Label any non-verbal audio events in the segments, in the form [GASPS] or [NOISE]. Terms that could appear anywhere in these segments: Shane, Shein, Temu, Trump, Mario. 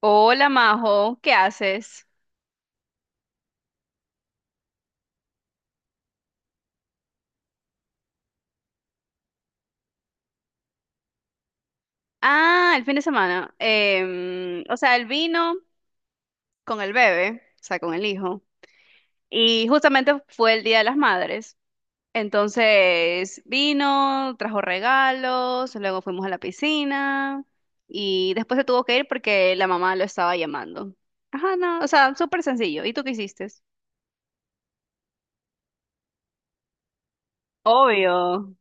Hola Majo, ¿qué haces? Ah, el fin de semana. El vino con el bebé, o sea, con el hijo. Y justamente fue el Día de las Madres. Entonces vino, trajo regalos, luego fuimos a la piscina y después se tuvo que ir porque la mamá lo estaba llamando. Ajá, no, o sea, súper sencillo. ¿Y tú qué hiciste? Obvio.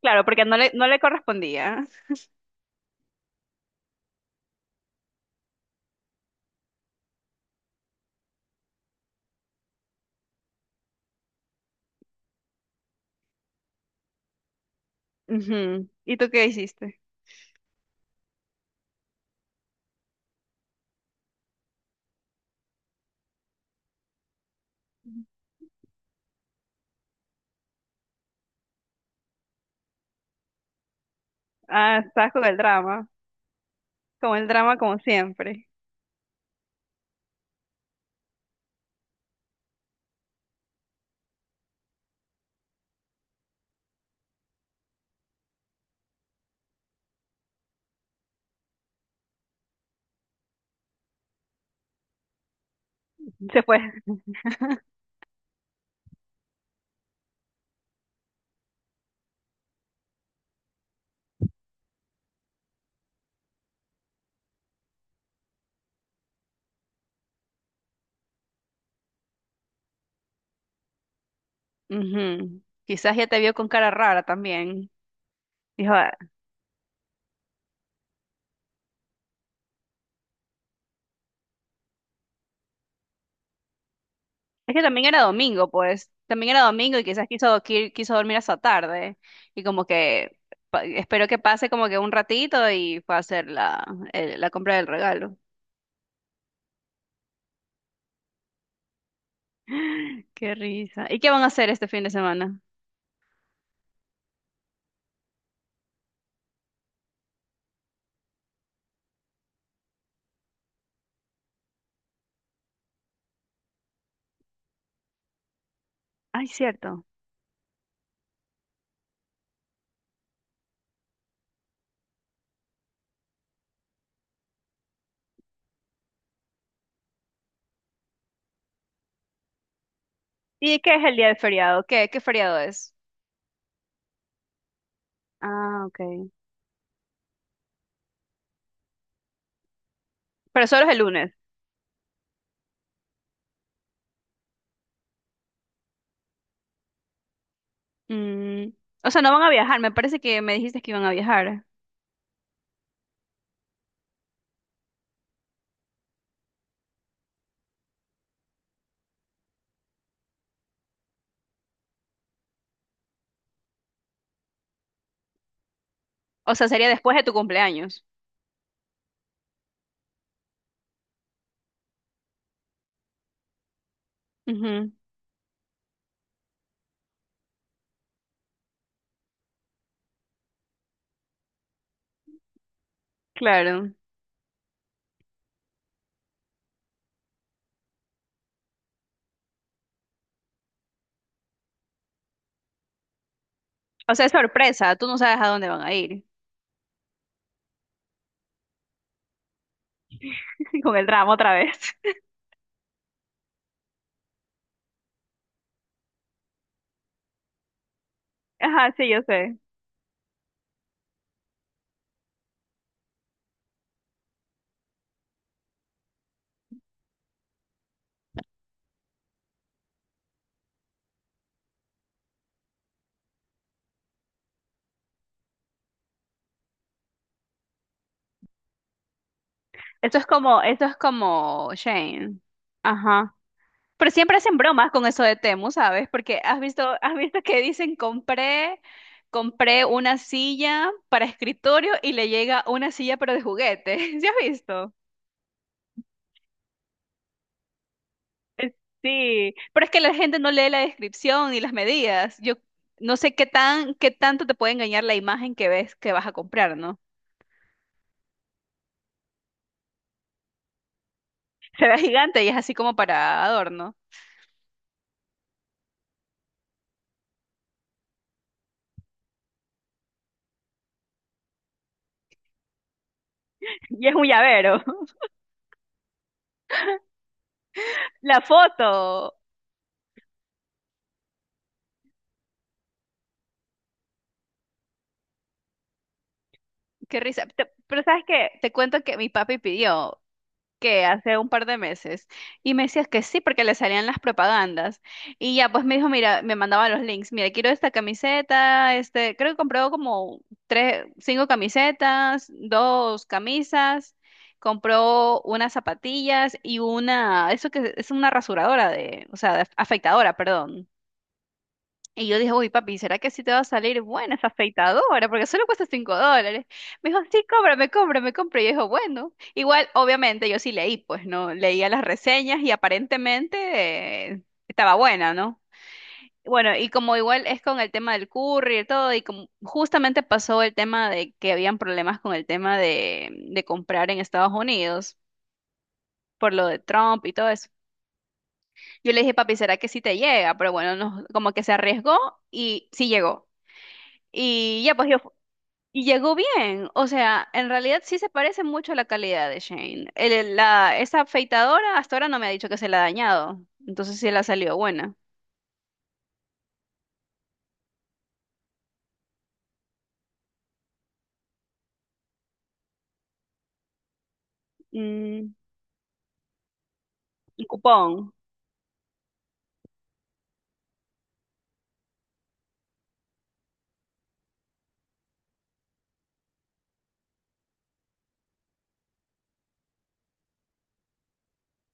Claro, porque no le correspondía. Ujú. ¿Y tú qué hiciste? Ah, estás con el drama. Como el drama, como siempre. Se fue. Ujú. Quizás ya te vio con cara rara también. Dijo, "Ah". Es que también era domingo, pues. También era domingo y quizás quiso dormir hasta tarde. Y como que esperó que pase como que un ratito y fue a hacer la compra del regalo. [GASPS] Qué risa. ¿Y qué van a hacer este fin de semana? Ay, cierto. ¿Y qué es el día de feriado? ¿¿Qué feriado es? Ah, ok. Pero solo es el lunes. Mm. O sea, no van a viajar. Me parece que me dijiste que iban a viajar. O sea, sería después de tu cumpleaños. Ujú, claro. O sea, es sorpresa, tú no sabes a dónde van a ir. [LAUGHS] Con el drama otra vez. [LAUGHS] Ajá, sí, yo sé. Esto es como Shane. Ajá. Pero siempre hacen bromas con eso de Temu, ¿sabes? Porque has visto que dicen compré una silla para escritorio y le llega una silla pero de juguete. [LAUGHS] ¿Sí has visto? Eh, Sí, pero es que la gente no lee la descripción ni las medidas. Yo no sé qué tanto te puede engañar la imagen que ves que vas a comprar, ¿no? [LAUGHS] Se ve gigante y es así como para adorno. [LAUGHS] Y es un llavero. [LAUGHS] La foto. Qué risa. Te- pero sabes qué, te cuento que mi papi pidió. Que hace un par de meses y me decías que sí porque le salían las propagandas y ya pues me dijo, mira, me mandaba los links, mira, quiero esta camiseta, este, creo que compró como tres, cinco camisetas, dos camisas, compró unas zapatillas y una, eso que es una rasuradora de, o sea, de afeitadora, perdón. Y yo dije, uy, papi, ¿será que sí te va a salir buena esa afeitadora? Porque solo cuesta $5. Me dijo, sí, cómprame, cómprame, cómprame. Y yo dije, bueno, igual, obviamente, yo sí leí, pues, ¿no? Leía las reseñas y aparentemente estaba buena, ¿no? Bueno, y como igual es con el tema del curry y todo, y como justamente pasó el tema de que habían problemas con el tema de comprar en Estados Unidos por lo de Trump y todo eso. Yo le dije, papi, ¿será que sí te llega? Pero bueno, no, como que se arriesgó y sí llegó. Y ya, pues yo, y llegó bien. O sea, en realidad sí se parece mucho a la calidad de Shane. Esa afeitadora hasta ahora no me ha dicho que se la ha dañado. Entonces sí le ha salido buena. Mm, un cupón.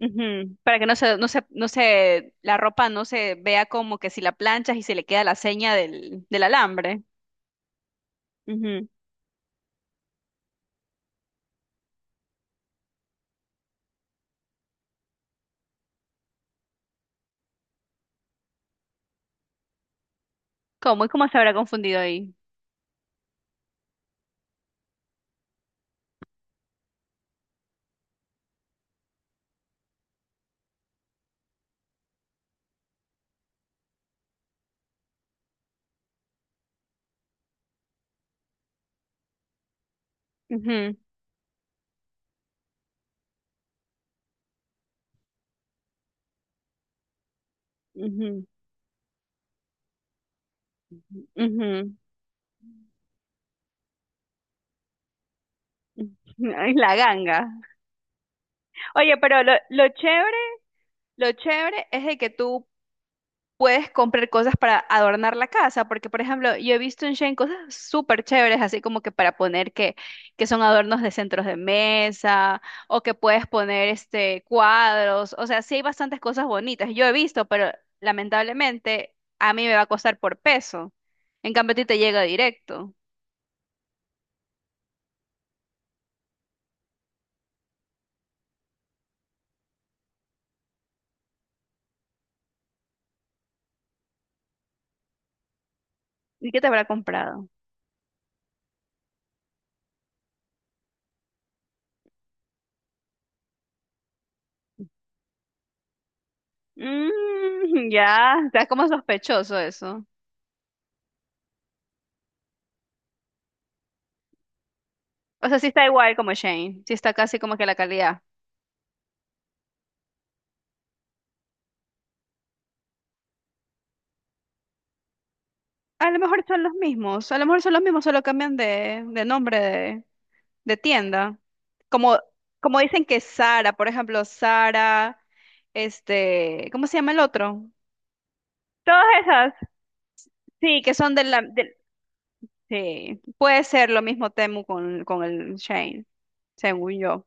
Ujú. Para que la ropa no se vea como que si la planchas y se le queda la seña del, del alambre. Ujú. ¿Cómo? ¿Y cómo se habrá confundido ahí? Ujú, ujú, ujú, ujú. [LAUGHS] Ay, la ganga. Oye, pero lo chévere. Lo chévere es de que tú puedes comprar cosas para adornar la casa, porque por ejemplo, yo he visto en Shein cosas súper chéveres, así como que para poner que son adornos de centros de mesa, o que puedes poner este cuadros, o sea, sí hay bastantes cosas bonitas, yo he visto, pero lamentablemente a mí me va a costar por peso. En cambio, a ti te llega directo. ¿Y qué te habrá comprado? Mm. [LAUGHS] Ya, está como sospechoso eso. O sea, sí está igual como Shane, sí está casi como que la calidad. A lo mejor son los mismos, a lo mejor son los mismos, solo cambian de nombre de tienda. Como, como dicen que Sara, por ejemplo, Sara, este, ¿cómo se llama el otro? Todas esas, sí, que son sí, puede ser lo mismo Temu con el Shane, según yo.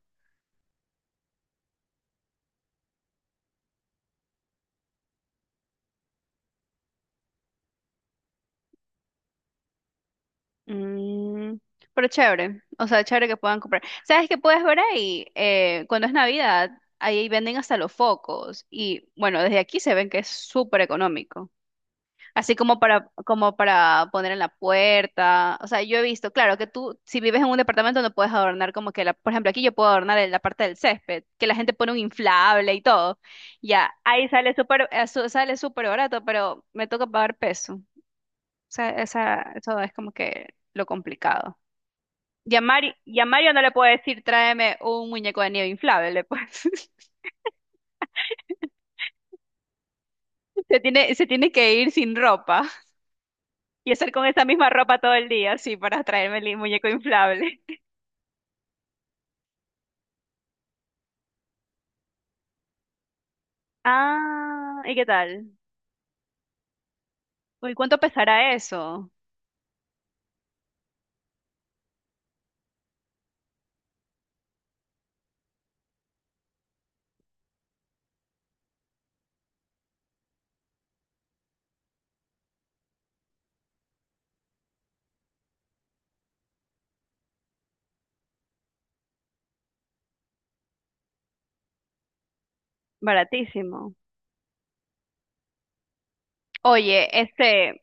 Mm, pero chévere, o sea, chévere que puedan comprar. ¿Sabes qué puedes ver ahí? Cuando es Navidad, ahí venden hasta los focos y bueno, desde aquí se ven que es súper económico. Así como para, como para poner en la puerta. O sea, yo he visto, claro, que tú, si vives en un departamento, no puedes adornar como que la, por ejemplo, aquí yo puedo adornar en la parte del césped, que la gente pone un inflable y todo. Ya, ahí sale súper, sale súper barato, pero me toca pagar peso. O sea, esa, eso es como que lo complicado. Y a Mari- y a Mario no le puedo decir, tráeme un muñeco de nieve inflable, pues. [LAUGHS] Se tiene que ir sin ropa y estar con esa misma ropa todo el día, sí, para traerme el muñeco inflable. Ah, ¿y qué tal? Uy, ¿cuánto pesará eso? Baratísimo. Oye, este,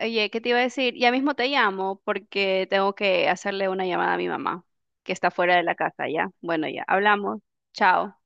oye, ¿qué te iba a decir? Ya mismo te llamo porque tengo que hacerle una llamada a mi mamá, que está fuera de la casa ya. Bueno, ya, hablamos. Chao.